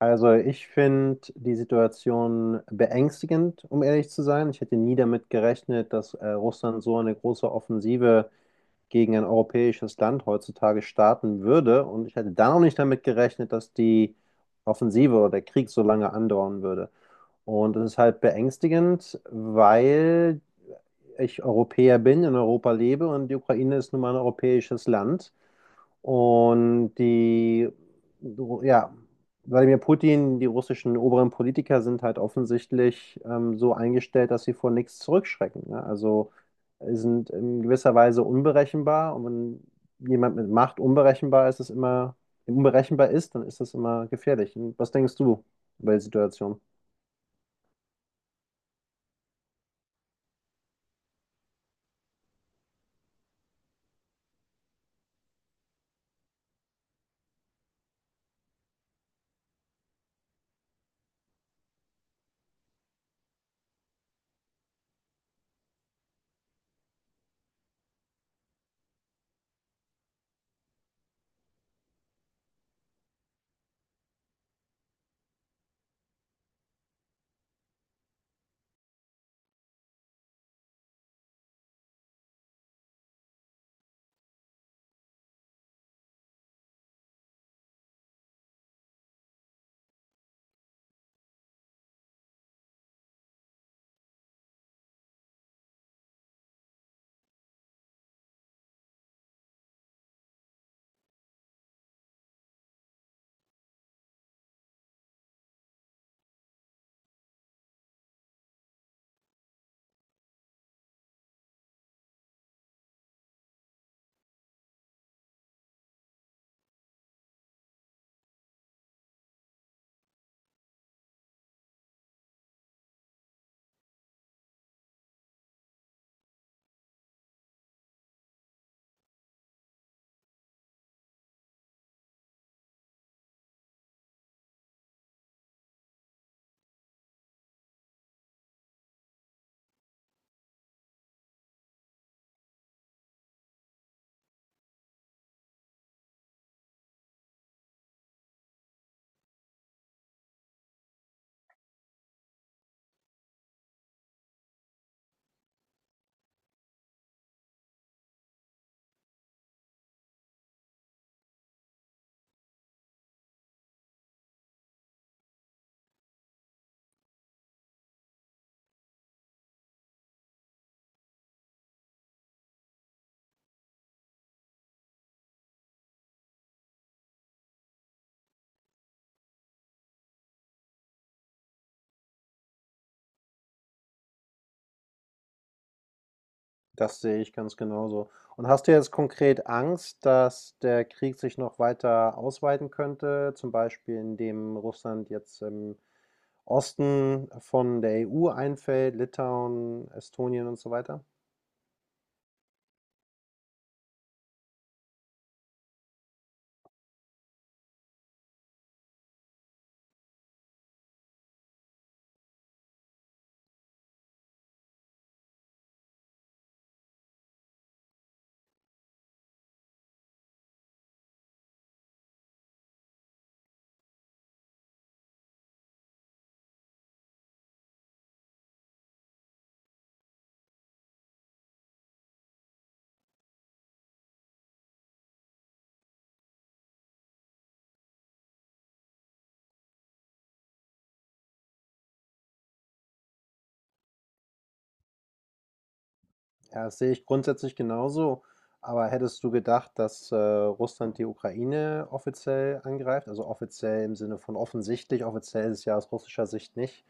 Also ich finde die Situation beängstigend, um ehrlich zu sein. Ich hätte nie damit gerechnet, dass Russland so eine große Offensive gegen ein europäisches Land heutzutage starten würde. Und ich hätte da noch nicht damit gerechnet, dass die Offensive oder der Krieg so lange andauern würde. Und es ist halt beängstigend, weil ich Europäer bin, in Europa lebe und die Ukraine ist nun mal ein europäisches Land. Und ja, Wladimir Putin, die russischen oberen Politiker sind halt offensichtlich so eingestellt, dass sie vor nichts zurückschrecken, ne? Also sind in gewisser Weise unberechenbar. Und wenn jemand mit Macht unberechenbar ist, dann ist das immer gefährlich. Und was denkst du über die Situation? Das sehe ich ganz genauso. Und hast du jetzt konkret Angst, dass der Krieg sich noch weiter ausweiten könnte, zum Beispiel indem Russland jetzt im Osten von der EU einfällt, Litauen, Estonien und so weiter? Ja, das sehe ich grundsätzlich genauso. Aber hättest du gedacht, dass Russland die Ukraine offiziell angreift? Also offiziell im Sinne von offensichtlich, offiziell ist es ja aus russischer Sicht nicht.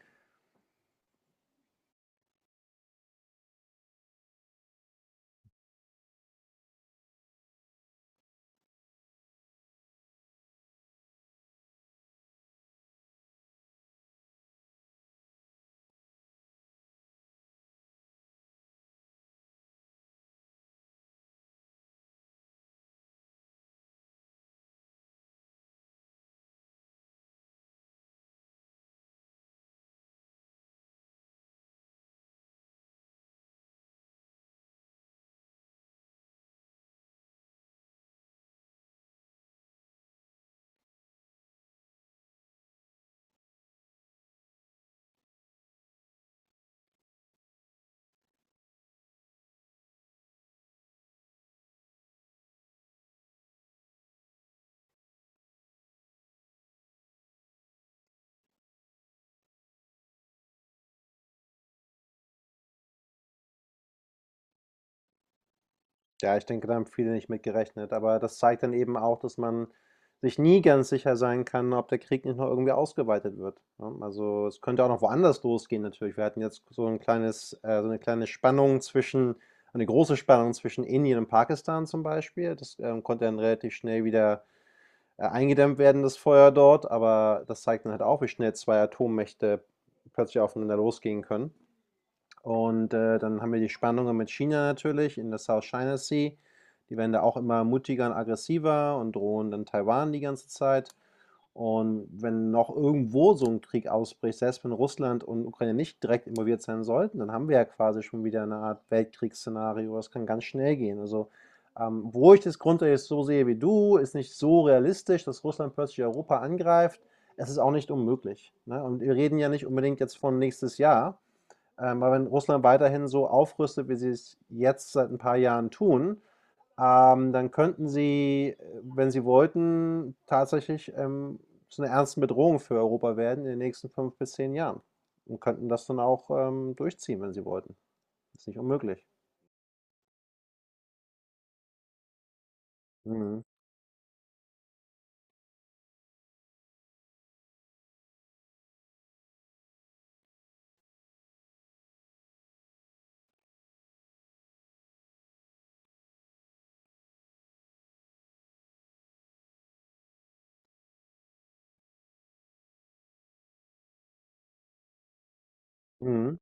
Ja, ich denke, da haben viele nicht mit gerechnet, aber das zeigt dann eben auch, dass man sich nie ganz sicher sein kann, ob der Krieg nicht noch irgendwie ausgeweitet wird, ne? Also, es könnte auch noch woanders losgehen natürlich. Wir hatten jetzt so 'n kleines so eine kleine Spannung zwischen eine große Spannung zwischen Indien und Pakistan zum Beispiel. Das konnte dann relativ schnell wieder eingedämmt werden, das Feuer dort, aber das zeigt dann halt auch, wie schnell 2 Atommächte plötzlich aufeinander losgehen können. Und dann haben wir die Spannungen mit China natürlich in der South China Sea. Die werden da auch immer mutiger und aggressiver und drohen dann Taiwan die ganze Zeit. Und wenn noch irgendwo so ein Krieg ausbricht, selbst wenn Russland und Ukraine nicht direkt involviert sein sollten, dann haben wir ja quasi schon wieder eine Art Weltkriegsszenario. Das kann ganz schnell gehen. Also, wo ich das grundsätzlich so sehe wie du, ist nicht so realistisch, dass Russland plötzlich Europa angreift. Es ist auch nicht unmöglich. Ne? Und wir reden ja nicht unbedingt jetzt von nächstes Jahr, weil wenn Russland weiterhin so aufrüstet, wie sie es jetzt seit ein paar Jahren tun, dann könnten sie, wenn sie wollten, tatsächlich zu einer ernsten Bedrohung für Europa werden in den nächsten fünf bis zehn Jahren. Und könnten das dann auch durchziehen, wenn sie wollten. Ist nicht unmöglich. Mhm. Mhm.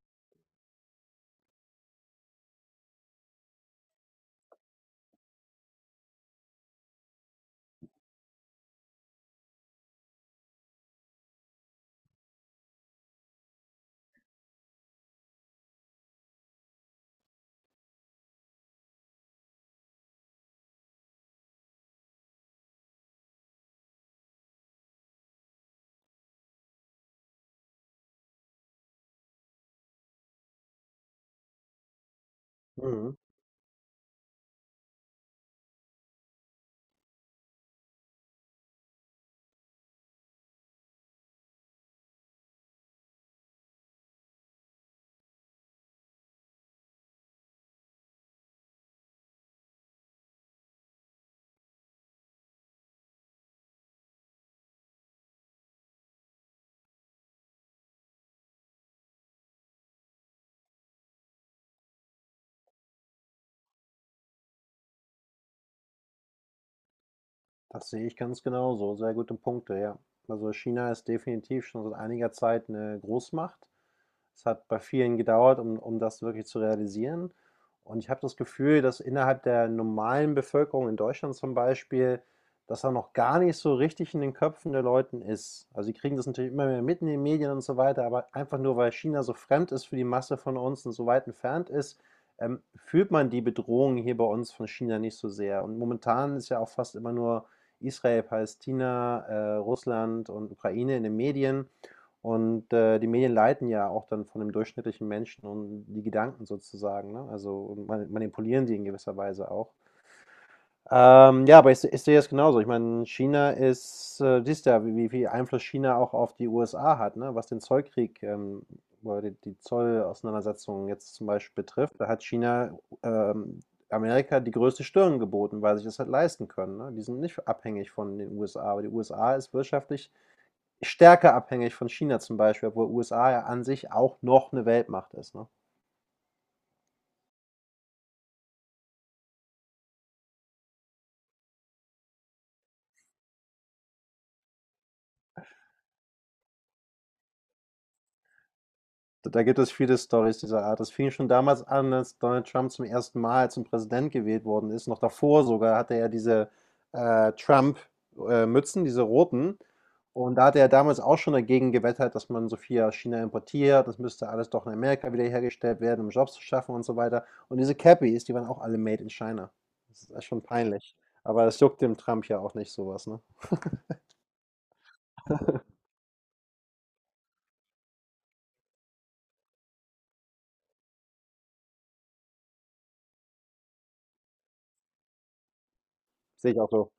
Mhm. Das sehe ich ganz genauso. Sehr gute Punkte, ja. Also China ist definitiv schon seit einiger Zeit eine Großmacht. Es hat bei vielen gedauert, um das wirklich zu realisieren. Und ich habe das Gefühl, dass innerhalb der normalen Bevölkerung in Deutschland zum Beispiel, dass da noch gar nicht so richtig in den Köpfen der Leuten ist. Also sie kriegen das natürlich immer mehr mit in den Medien und so weiter, aber einfach nur weil China so fremd ist für die Masse von uns und so weit entfernt ist, fühlt man die Bedrohung hier bei uns von China nicht so sehr. Und momentan ist ja auch fast immer nur Israel, Palästina, Russland und Ukraine in den Medien. Und die Medien leiten ja auch dann von dem durchschnittlichen Menschen und die Gedanken sozusagen, ne? Also und manipulieren die in gewisser Weise auch. Ja, aber ich sehe es genauso. Ich meine, China ist, siehst du ja, wie viel Einfluss China auch auf die USA hat, ne? Was den Zollkrieg oder die Zollauseinandersetzungen jetzt zum Beispiel betrifft. Da hat China Amerika die größte Stirn geboten, weil sie sich das halt leisten können, ne? Die sind nicht abhängig von den USA, aber die USA ist wirtschaftlich stärker abhängig von China zum Beispiel, obwohl USA ja an sich auch noch eine Weltmacht ist, ne? Da gibt es viele Storys dieser Art. Das fing schon damals an, als Donald Trump zum ersten Mal zum Präsident gewählt worden ist. Noch davor sogar hatte er diese Trump, Mützen, diese roten. Und da hatte er damals auch schon dagegen gewettert, dass man so viel aus China importiert. Das müsste alles doch in Amerika wieder hergestellt werden, um Jobs zu schaffen und so weiter. Und diese Cappies, die waren auch alle made in China. Das ist echt schon peinlich. Aber das juckt dem Trump ja auch nicht so was, ne? Sehe ich auch so.